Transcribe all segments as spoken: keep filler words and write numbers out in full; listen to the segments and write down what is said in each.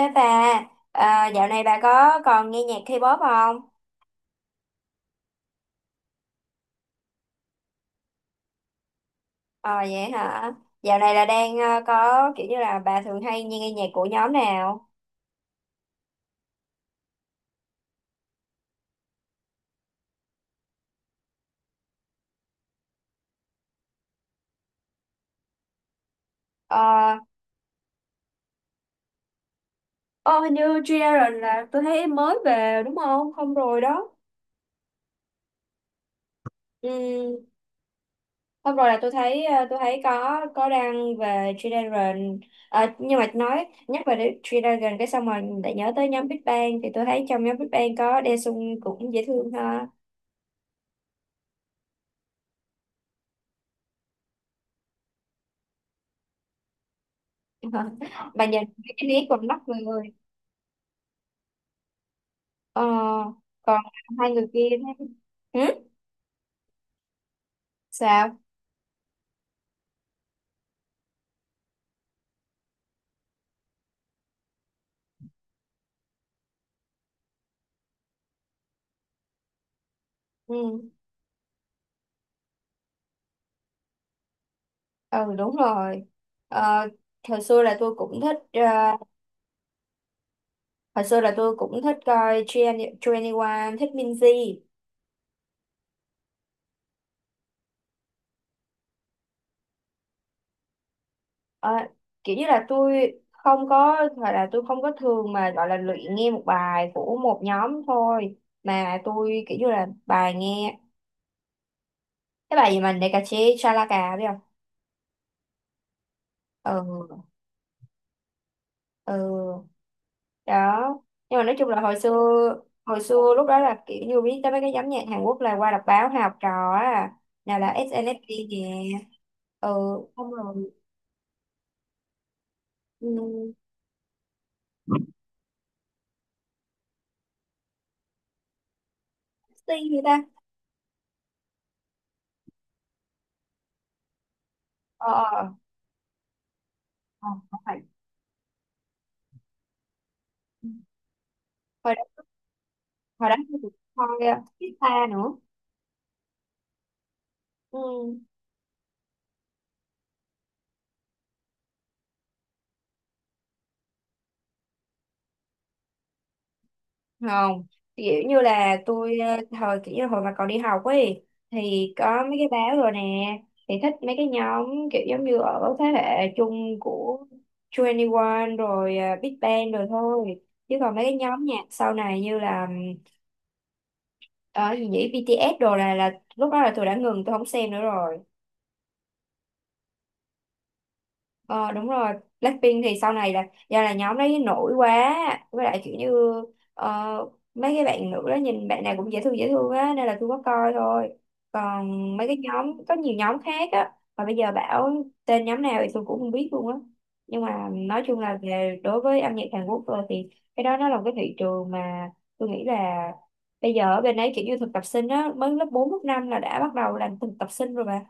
Ê bà, à, dạo này bà có còn nghe nhạc K-pop không? Ờ vậy hả? Dạo này là đang ờ, có kiểu như là bà thường hay nghe, nghe nhạc của nhóm nào? Ờ, ô hình như G-Dragon là tôi thấy mới về đúng không? Không rồi đó. Ừ, không rồi là tôi thấy ờ, tôi thấy có có đăng về G-Dragon. Ờ, nhưng mà nói nhắc về G-Dragon cái xong rồi lại nhớ tới nhóm Big Bang, thì tôi thấy trong nhóm Big Bang có Daesung cũng dễ thương ha. Bà nhìn cái nét còn mắt người. Ờ, Còn hai người kia thế, ừ? Sao? Ừ. Ừ, đúng rồi. Ờ, hồi xưa là tôi cũng thích ờ, hồi xưa là tôi cũng thích coi Twenty One, thích Minzy. Ờ, kiểu như là tôi không có gọi là tôi không có thường mà gọi là luyện nghe một bài của một nhóm thôi, mà tôi kiểu như là bài nghe cái bài gì mà Nekache Chalaka, biết không? Ừ. Ừ. Đó. Nhưng mà nói chung là hồi xưa, hồi xưa lúc đó là kiểu như biết tới mấy cái nhóm nhạc Hàn Quốc là qua đọc báo hay học trò á, nào là ét en ét đê kìa. Ừ. Xong rồi. Ừ, Sea người ta, ờ ờ ờ, ờ, không phải. Hồi đó, hồi đó tôi coi uh, Vista nữa. Ừ. Không, kiểu như là tôi ờ, thời kiểu như hồi mà còn đi học ấy, thì có mấy cái báo rồi nè, thì thích mấy cái nhóm kiểu giống như ở thế hệ chung của twenty one rồi ờ, Big Bang rồi thôi, chứ còn mấy cái nhóm nhạc sau này như là ở gì nhỉ, bê tê ét đồ, là là lúc đó là tôi đã ngừng, tôi không xem nữa rồi. Ờ đúng rồi. Blackpink thì sau này là do là nhóm đấy nổi quá, với lại kiểu như ờ, mấy cái bạn nữ đó nhìn bạn nào cũng dễ thương dễ thương á, nên là tôi có coi thôi. Còn mấy cái nhóm có nhiều nhóm khác á, mà bây giờ bảo tên nhóm nào thì tôi cũng không biết luôn á. Nhưng mà nói chung là về đối với âm nhạc Hàn Quốc rồi thì cái đó nó là một cái thị trường mà tôi nghĩ là bây giờ ở bên đấy kiểu như thực tập sinh á, mới lớp bốn lớp năm là đã bắt đầu làm thực tập sinh rồi bà.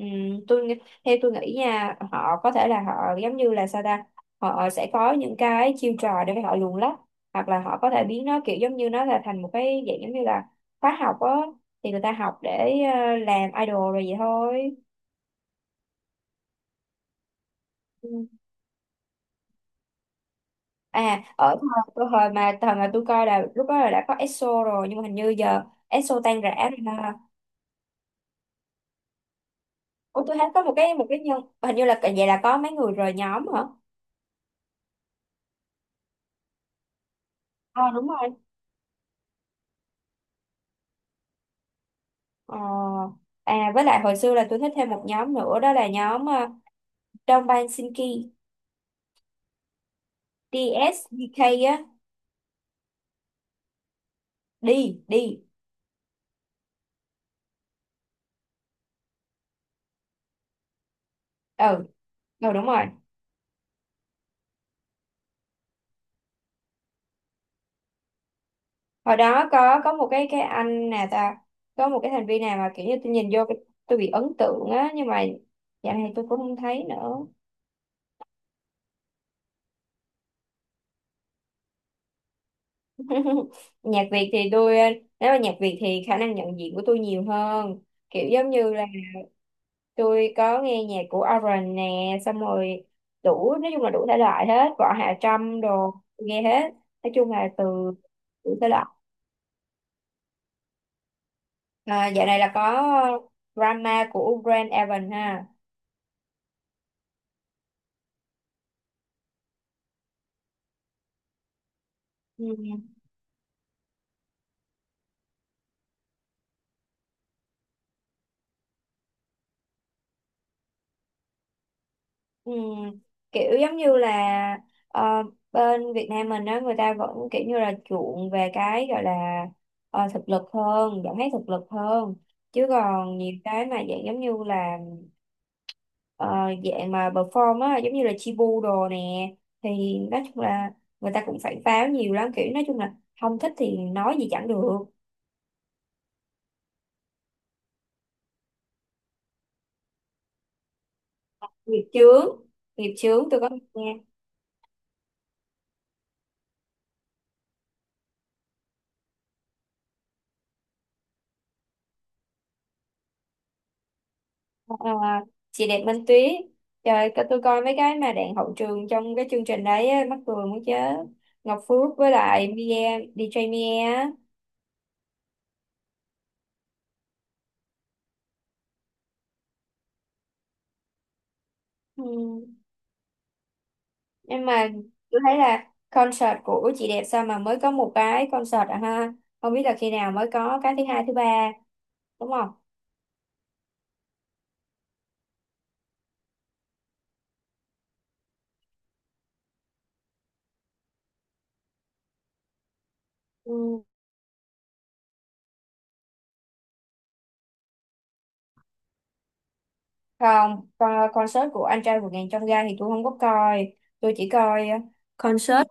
Ừ, tôi nghĩ- theo tôi nghĩ nha, họ có thể là họ giống như là sao ta, họ sẽ có những cái chiêu trò để họ luồn lách, hoặc là họ có thể biến nó kiểu giống như nó là thành một cái dạng giống như là khóa học á, thì người ta học để ờ, làm idol rồi vậy thôi. Ừ. à ở thời, cái thời mà thời mà tôi coi là lúc đó là đã có EXO rồi, nhưng mà hình như giờ EXO tan rã rồi ha. Ủa tôi thấy có một cái một cái nhân, hình như là vậy, là có mấy người rời nhóm hả. Ờ đúng rồi. Ờ, à với lại hồi xưa là tôi thích thêm một nhóm nữa, đó là nhóm ờ, Dongbang Sinki, đê ét đê ca á, đi đi. Ừ. Ừ, đúng rồi. Hồi đó có có một cái cái anh nè ta, có một cái thành viên nào mà kiểu như tôi nhìn vô cái- tôi bị ấn tượng á, nhưng mà dạo này tôi cũng không thấy nữa. nhạc Việt thì tôi ờ, Nếu mà nhạc Việt thì khả năng nhận diện của tôi nhiều hơn, kiểu giống như là tôi có nghe nhạc của Oren nè, xong rồi đủ, nói chung là đủ thể loại hết, Võ Hạ Trâm đồ tôi nghe hết, nói chung là từ đủ thể loại. À, dạo này là có drama của Brand Evan ha. Ừ. Ừ. Kiểu giống như là ờ, bên Việt Nam mình á, người ta vẫn kiểu như là chuộng về cái gọi là ờ, thực lực hơn, giọng hát thực lực hơn, chứ còn nhiều cái mà dạng giống như là ờ, dạng mà perform á, giống như là Chibu đồ nè, thì nói chung là người ta cũng phải pháo nhiều lắm, kiểu nói chung là không thích thì nói gì chẳng được. Nghiệp chướng, nghiệp chướng tôi có nghe. Ờ, ờ, chị đẹp Minh Tuyết, trời tôi, tôi coi mấy cái mà đạn hậu trường trong cái chương trình đấy á, mắc cười muốn chết. Ngọc Phước với lại Mia, đi di Mia á. Ừ. Nhưng mà tôi thấy là concert của chị đẹp sao mà mới có một cái concert à ha, không biết là khi nào mới có cái thứ hai thứ ba, đúng không? Ừ. Không, con concert của anh trai vượt ngàn chông gai thì tôi không có coi, tôi chỉ coi ờ, concert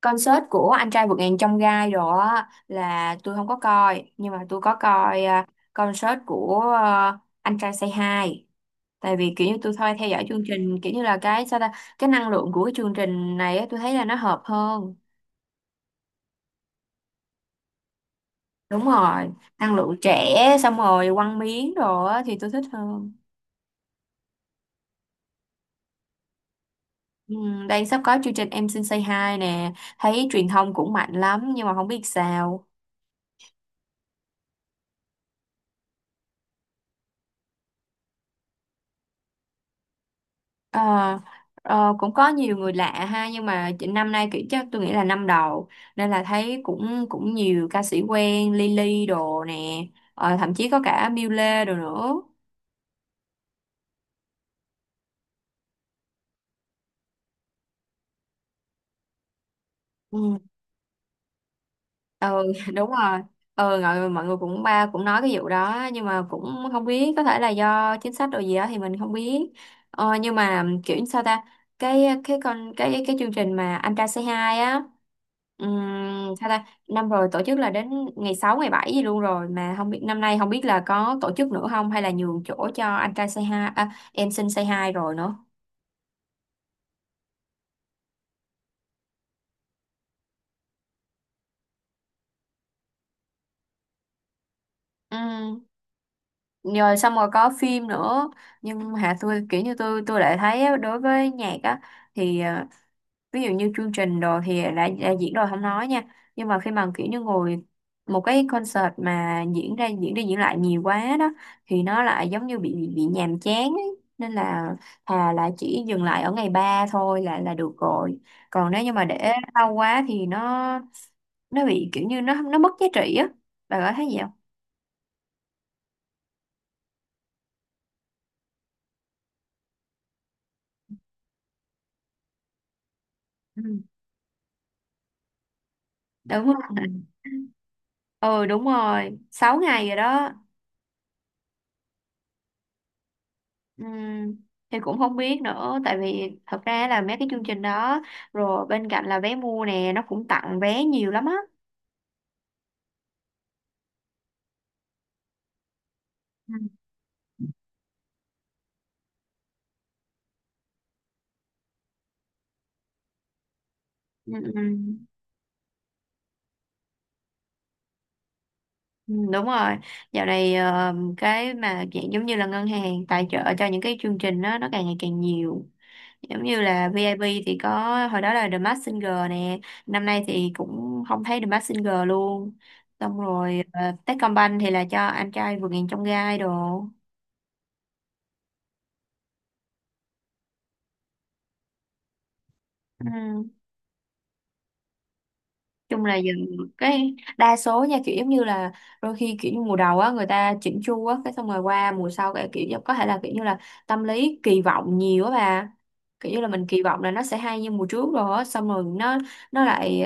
concert của anh trai vượt ngàn chông gai rồi á, là tôi không có coi, nhưng mà tôi có coi ờ, concert của ờ, anh trai Say Hi, tại vì kiểu như tôi thôi theo dõi chương trình kiểu như là cái sao ta, cái năng lượng của cái chương trình này á, tôi thấy là nó hợp hơn. Đúng rồi, năng lượng trẻ, xong rồi quăng miếng rồi á, thì tôi thích hơn. Ừ, đang sắp có chương trình Em Xin Say Hi nè, thấy truyền thông cũng mạnh lắm nhưng mà không biết sao. Ờ, ờ, cũng có nhiều người lạ ha, nhưng mà chị- năm nay kiểu chắc tôi nghĩ là năm đầu, nên là thấy cũng cũng nhiều ca sĩ quen Lily đồ nè, ờ, thậm chí có cả Miu Lê đồ nữa. Ừ. Ừ, đúng rồi. Ừ, rồi mọi người cũng ba cũng nói cái vụ đó, nhưng mà cũng không biết, có thể là do chính sách rồi gì đó thì mình không biết. Ờ, nhưng mà kiểu như sao ta, cái cái con cái cái chương trình mà anh trai Say Hi á, ừm, sao ta năm rồi tổ chức là đến ngày sáu ngày bảy gì luôn rồi, mà không biết năm nay, không biết là có tổ chức nữa không, hay là nhường chỗ cho anh trai Say Hi, à, em xin Say Hi rồi nữa. Ừ, rồi xong rồi có phim nữa, nhưng hả tôi kiểu như tôi tôi lại thấy á, đối với nhạc á thì ờ, ví dụ như chương trình đồ thì đã, đã diễn rồi không nói nha, nhưng mà khi mà kiểu như ngồi một cái concert mà diễn ra diễn đi diễn lại nhiều quá đó, thì nó lại giống như bị bị, bị nhàm chán ấy. Nên là thà là chỉ dừng lại ở ngày ba thôi là là được rồi, còn nếu như mà để lâu quá thì nó nó bị kiểu như nó nó mất giá trị á, bà có thấy gì không? Ừ. Đúng không? Ừ, đúng rồi, sáu ngày rồi đó. Ừm, thì cũng không biết nữa, tại vì thật ra là mấy cái chương trình đó rồi bên cạnh là vé mua nè, nó cũng tặng vé nhiều lắm á. Ừ. Ừ, ừ, ừ, đúng rồi. Dạo này ờ, cái mà dạng giống như là ngân hàng tài trợ cho những cái chương trình đó nó càng ngày càng nhiều, giống như là vi ai pi thì có, hồi đó là The Masked Singer nè, năm nay thì cũng không thấy The Masked Singer luôn, xong rồi ờ, Techcombank thì là cho anh trai vượt ngàn chông gai đồ. Ừ. Chung là giờ cái đa số nha, kiểu giống như là đôi khi kiểu như mùa đầu á người ta chỉnh chu á, cái xong rồi qua mùa sau cái kiểu giống- có thể là kiểu như là tâm lý kỳ vọng nhiều á bà, kiểu như là mình kỳ vọng là nó sẽ hay như mùa trước rồi á, xong rồi nó nó lại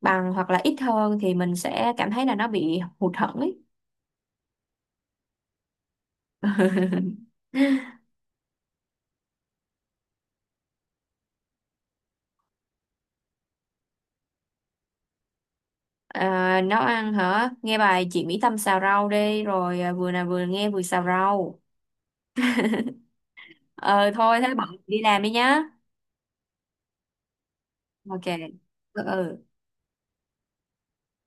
bằng hoặc là ít hơn thì mình sẽ cảm thấy là nó bị hụt hẫng ấy. À, nấu ăn hả? Nghe bài chị Mỹ Tâm xào rau đi, rồi à, vừa nào vừa nghe vừa xào rau. ờ Thôi thế bận đi làm đi nhá. Ok. Ừ, ừ.